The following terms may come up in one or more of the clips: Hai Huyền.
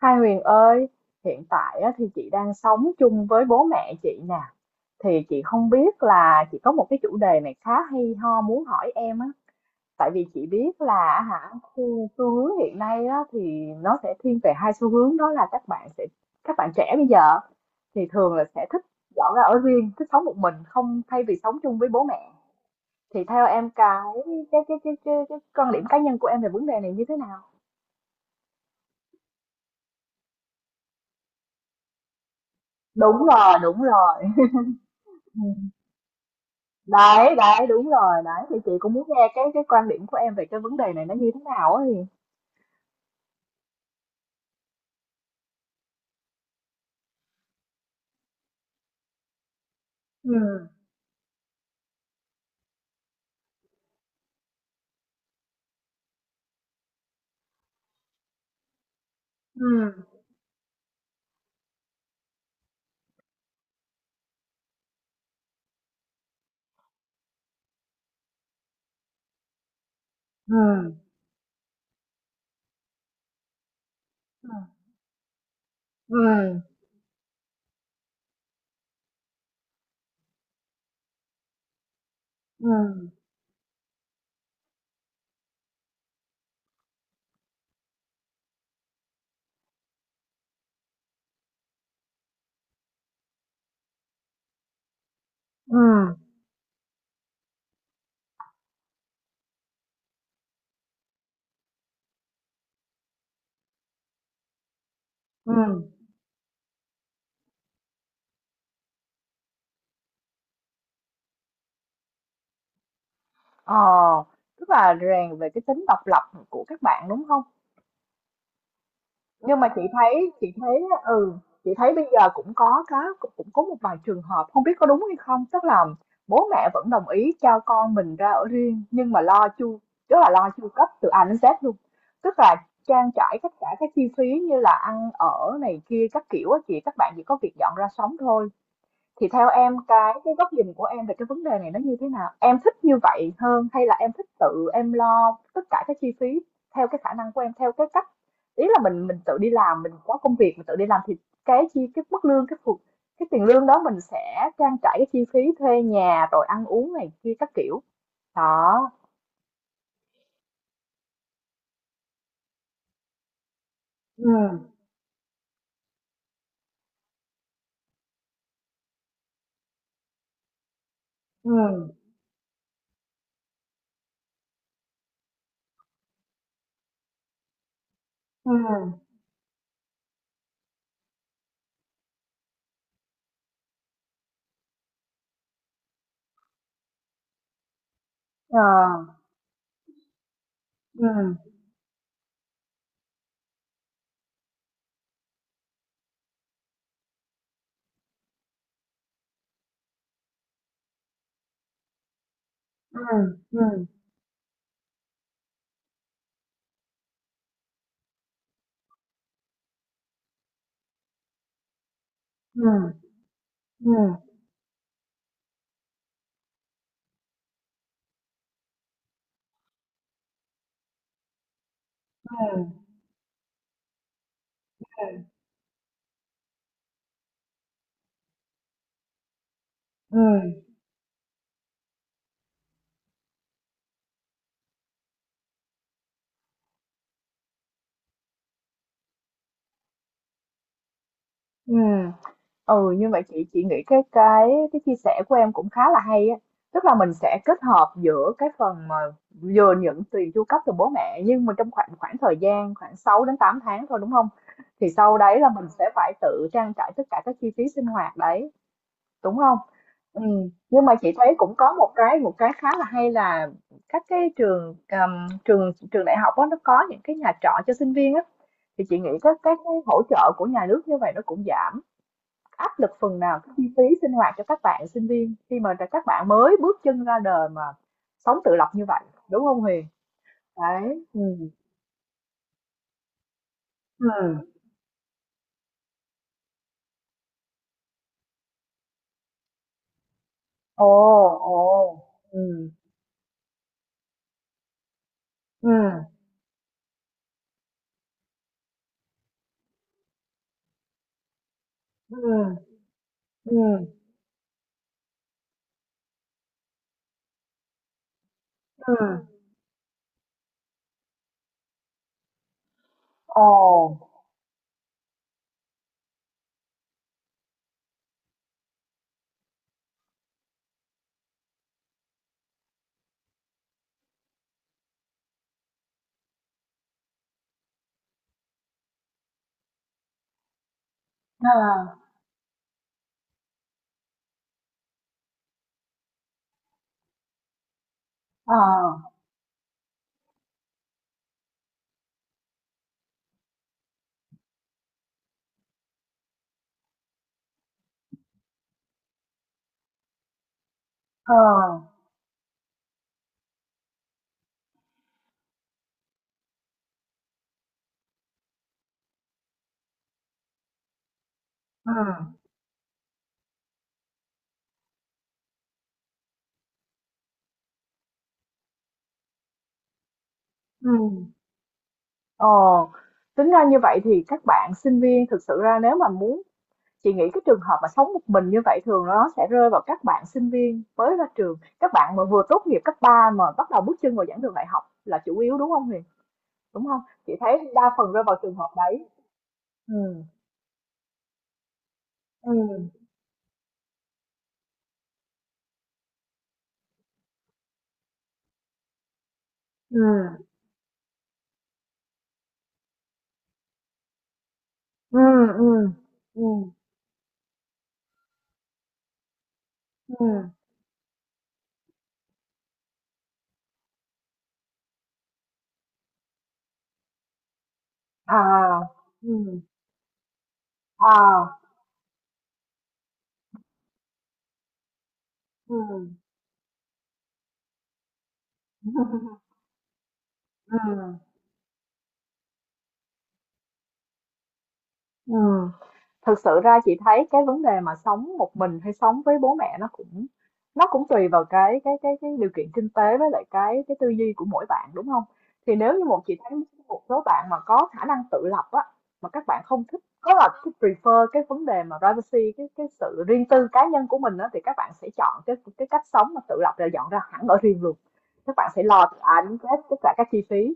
Hai Huyền ơi, hiện tại á, thì chị đang sống chung với bố mẹ chị nè. Thì chị không biết là chị có một cái chủ đề này khá hay ho muốn hỏi em á. Tại vì chị biết là hả, xu hướng hiện nay á, thì nó sẽ thiên về hai xu hướng, đó là các bạn trẻ bây giờ thì thường là sẽ thích dọn ra ở riêng, thích sống một mình không thay vì sống chung với bố mẹ. Thì theo em cái quan điểm cá nhân của em về vấn đề này như thế nào? Đúng rồi, đúng rồi. Đấy đấy đúng rồi đấy, thì chị cũng muốn nghe cái quan điểm của em về cái vấn đề này nó như thế nào ấy. Ừ, ừ, ừ, ừ, ừ, ừ, ừ, ừ. ờ Tức là rèn về cái tính độc lập của các bạn, đúng không? Nhưng mà chị thấy bây giờ cũng có một vài trường hợp không biết có đúng hay không, tức là bố mẹ vẫn đồng ý cho con mình ra ở riêng nhưng mà lo chu tức là lo chu cấp từ A đến Z luôn, tức là trang trải tất cả các chi phí như là ăn ở này kia các kiểu á chị, các bạn chỉ có việc dọn ra sống thôi. Thì theo em cái góc nhìn của em về cái vấn đề này nó như thế nào? Em thích như vậy hơn hay là em thích tự em lo tất cả các chi phí theo cái khả năng của em, theo cái cách, ý là mình tự đi làm, mình có công việc mình tự đi làm, thì cái mức lương cái tiền lương đó mình sẽ trang trải cái chi phí thuê nhà rồi ăn uống này kia các kiểu. Đó. Ừ, ừ, ừ, ờ, ừ, ừ, ừ, ừ, ừ, ừ, ừ, ừ. Ừ, như vậy chị nghĩ cái chia sẻ của em cũng khá là hay á, tức là mình sẽ kết hợp giữa cái phần mà vừa nhận tiền chu cấp từ bố mẹ nhưng mà trong khoảng khoảng thời gian khoảng 6 đến 8 tháng thôi, đúng không? Thì sau đấy là mình sẽ phải tự trang trải tất cả các chi phí sinh hoạt đấy, đúng không? Ừ. Nhưng mà chị thấy cũng có một cái, một cái khá là hay là các cái trường, trường đại học đó, nó có những cái nhà trọ cho sinh viên á, thì chị nghĩ các cái hỗ trợ của nhà nước như vậy nó cũng giảm áp lực phần nào cái chi phí sinh hoạt cho các bạn sinh viên khi mà các bạn mới bước chân ra đời mà sống tự lập như vậy, đúng không Huyền? Đấy. Ừ, ừ, ồ, ồ, ừ, ừ, ừ, ừ, ừ, ừ. Ồ, à, à, à, ừ, ừ. Ồ, tính ra như vậy thì các bạn sinh viên thực sự ra nếu mà muốn, chị nghĩ cái trường hợp mà sống một mình như vậy thường nó sẽ rơi vào các bạn sinh viên mới ra trường, các bạn mà vừa tốt nghiệp cấp 3 mà bắt đầu bước chân vào giảng đường đại học là chủ yếu, đúng không Huyền? Đúng không? Chị thấy đa phần rơi vào trường hợp đấy. Ừ, ừ, ừ, ừ, ừ, ừ, ừ, à, ừ, à, ừ, ừ, ừ. Thực sự ra chị thấy cái vấn đề mà sống một mình hay sống với bố mẹ nó cũng tùy vào cái điều kiện kinh tế với lại cái tư duy của mỗi bạn, đúng không? Thì nếu như, một chị thấy một số bạn mà có khả năng tự lập á, mà các bạn không thích, có là cái prefer cái vấn đề mà privacy, cái sự riêng tư cá nhân của mình á, thì các bạn sẽ chọn cái cách sống mà tự lập là dọn ra hẳn ở riêng luôn. Các bạn sẽ lo từ ăn, đến Z tất cả các chi phí.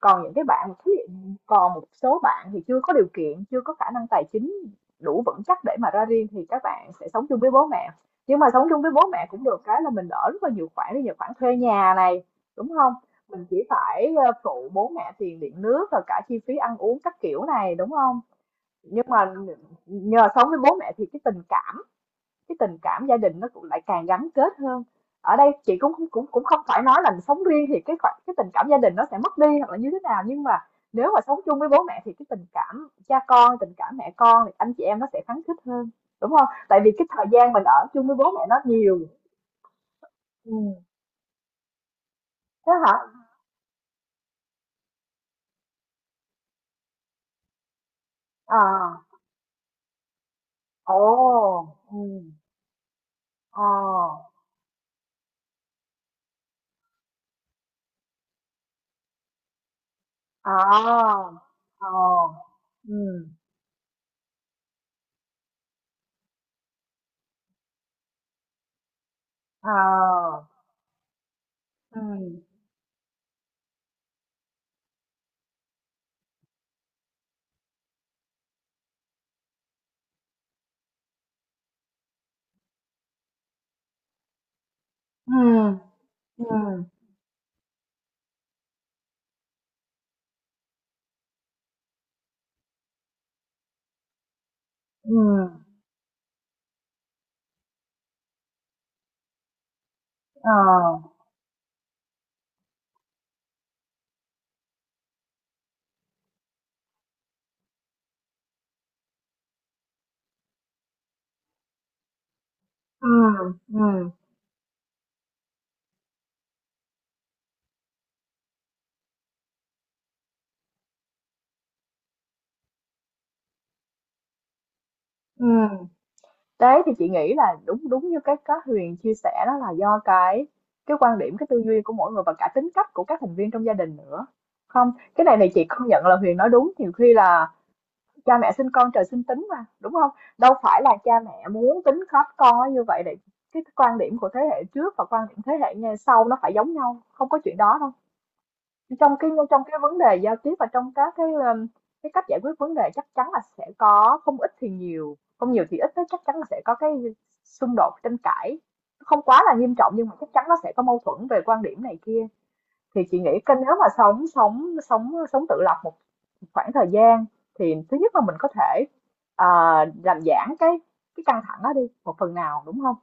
Còn những cái bạn mà thí dụ, còn một số bạn thì chưa có điều kiện, chưa có khả năng tài chính đủ vững chắc để mà ra riêng thì các bạn sẽ sống chung với bố mẹ, nhưng mà sống chung với bố mẹ cũng được cái là mình đỡ rất là nhiều khoản, ví dụ khoản thuê nhà này, đúng không? Mình chỉ phải phụ bố mẹ tiền điện nước và cả chi phí ăn uống các kiểu này, đúng không? Nhưng mà nhờ sống với bố mẹ thì cái tình cảm, cái tình cảm gia đình nó cũng lại càng gắn kết hơn. Ở đây chị cũng cũng cũng không phải nói là sống riêng thì cái tình cảm gia đình nó sẽ mất đi hoặc là như thế nào, nhưng mà nếu mà sống chung với bố mẹ thì cái tình cảm cha con, tình cảm mẹ con, thì anh chị em nó sẽ khăng khít hơn, đúng không? Tại vì cái thời gian mình ở chung với bố mẹ nó nhiều. Ừ. Thế hả? À, ồ, ừ, ờ, à, ờ, ừ, ờ, ừ, ừ, ừ, ừ, ờ. Ừ, ừ, ừ. Đấy thì chị nghĩ là đúng đúng như cái Huyền chia sẻ, đó là do cái quan điểm, cái tư duy của mỗi người và cả tính cách của các thành viên trong gia đình nữa. Không, cái này này chị công nhận là Huyền nói đúng, nhiều khi là cha mẹ sinh con trời sinh tính mà, đúng không? Đâu phải là cha mẹ muốn tính khắp con nó như vậy, để cái quan điểm của thế hệ trước và quan điểm thế hệ ngay sau nó phải giống nhau, không có chuyện đó đâu. Trong trong cái vấn đề giao tiếp và trong các cái, cái cách giải quyết vấn đề chắc chắn là sẽ có, không ít thì nhiều, không nhiều thì ít đó, chắc chắn là sẽ có cái xung đột tranh cãi, không quá là nghiêm trọng nhưng mà chắc chắn nó sẽ có mâu thuẫn về quan điểm này kia. Thì chị nghĩ, cái nếu mà sống sống sống sống tự lập một khoảng thời gian thì thứ nhất là mình có thể, ờ, làm giảm cái căng thẳng đó đi một phần nào, đúng không?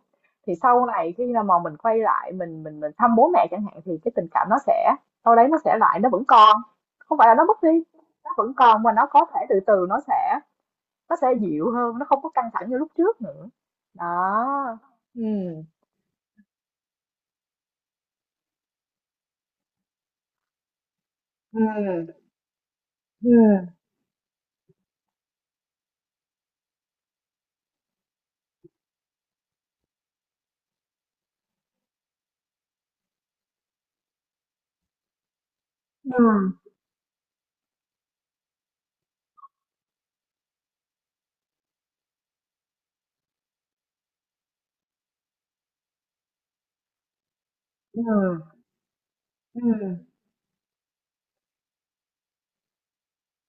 Thì sau này khi nào mà mình quay lại, mình thăm bố mẹ chẳng hạn, thì cái tình cảm nó sẽ, đâu đấy nó sẽ lại, nó vẫn còn, không phải là nó mất đi, nó vẫn còn mà nó có thể từ từ nó sẽ, nó sẽ dịu hơn, nó không có căng thẳng như lúc trước nữa. Đó. Ừm. Ừm, ừm, ừm, ừm, ừm,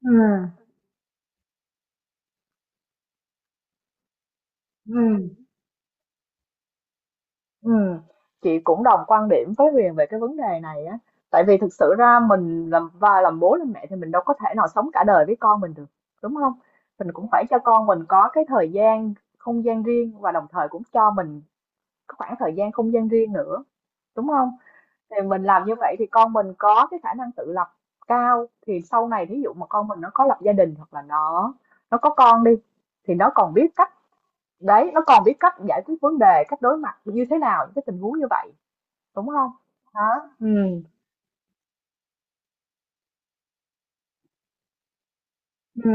ừm, ừm. Ừ, chị cũng đồng quan điểm với Huyền về cái vấn đề này á, tại vì thực sự ra mình làm, và làm bố làm mẹ thì mình đâu có thể nào sống cả đời với con mình được, đúng không? Mình cũng phải cho con mình có cái thời gian không gian riêng và đồng thời cũng cho mình cái khoảng thời gian không gian riêng nữa, đúng không? Thì mình làm như vậy thì con mình có cái khả năng tự lập cao, thì sau này thí dụ mà con mình nó có lập gia đình hoặc là nó có con đi, thì nó còn biết cách, đấy, nó còn biết cách giải quyết vấn đề, cách đối mặt như thế nào những cái tình huống như vậy. Đúng không? Đó. Ừ, ừ,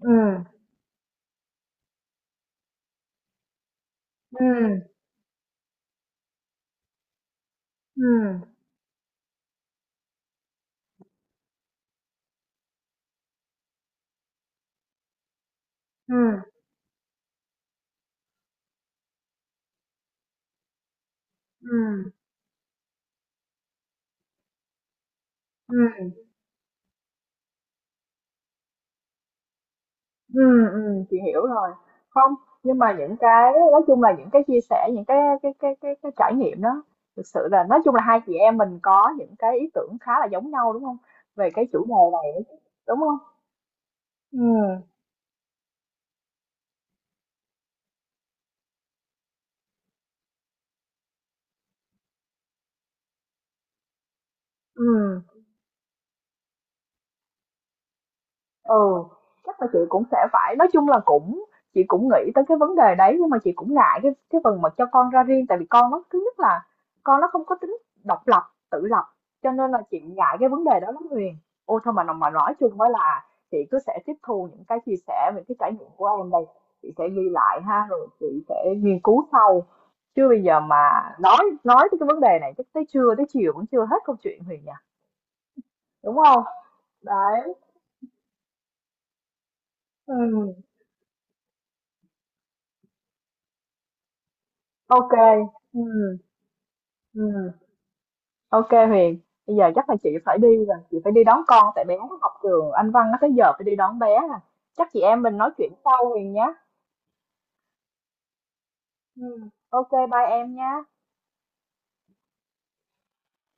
ừ, ừ, ừ, ừ, ừ, ừ, ừ, chị hiểu rồi. Không, nhưng mà những cái nói chung là những cái chia sẻ, những cái cái trải nghiệm đó, thực sự là nói chung là hai chị em mình có những cái ý tưởng khá là giống nhau, đúng không? Về cái chủ đề này, đúng không? Ừ, ừ. Ừ, chắc là chị cũng sẽ phải, nói chung là chị cũng nghĩ tới cái vấn đề đấy, nhưng mà chị cũng ngại cái phần mà cho con ra riêng, tại vì con nó thứ nhất là con nó không có tính độc lập, tự lập, cho nên là chị ngại cái vấn đề đó lắm Huyền. Ôi thôi, mà nói chung mới là, chị cứ sẽ tiếp thu những cái chia sẻ, những cái trải nghiệm của em đây, chị sẽ ghi lại ha, rồi chị sẽ nghiên cứu sau, chứ bây giờ mà nói nói tới cái vấn đề này chắc tới trưa tới chiều vẫn chưa hết câu chuyện, Huyền nhỉ, đúng không? Đấy. Ừ, ok, ừ, ừ. OK Huyền, bây giờ chắc là chị phải đi rồi, chị phải đi đón con, tại bé nó học trường Anh Văn, nó tới giờ phải đi đón bé à. Chắc chị em mình nói chuyện sau Huyền nhé. Ừ. OK, bye em nha.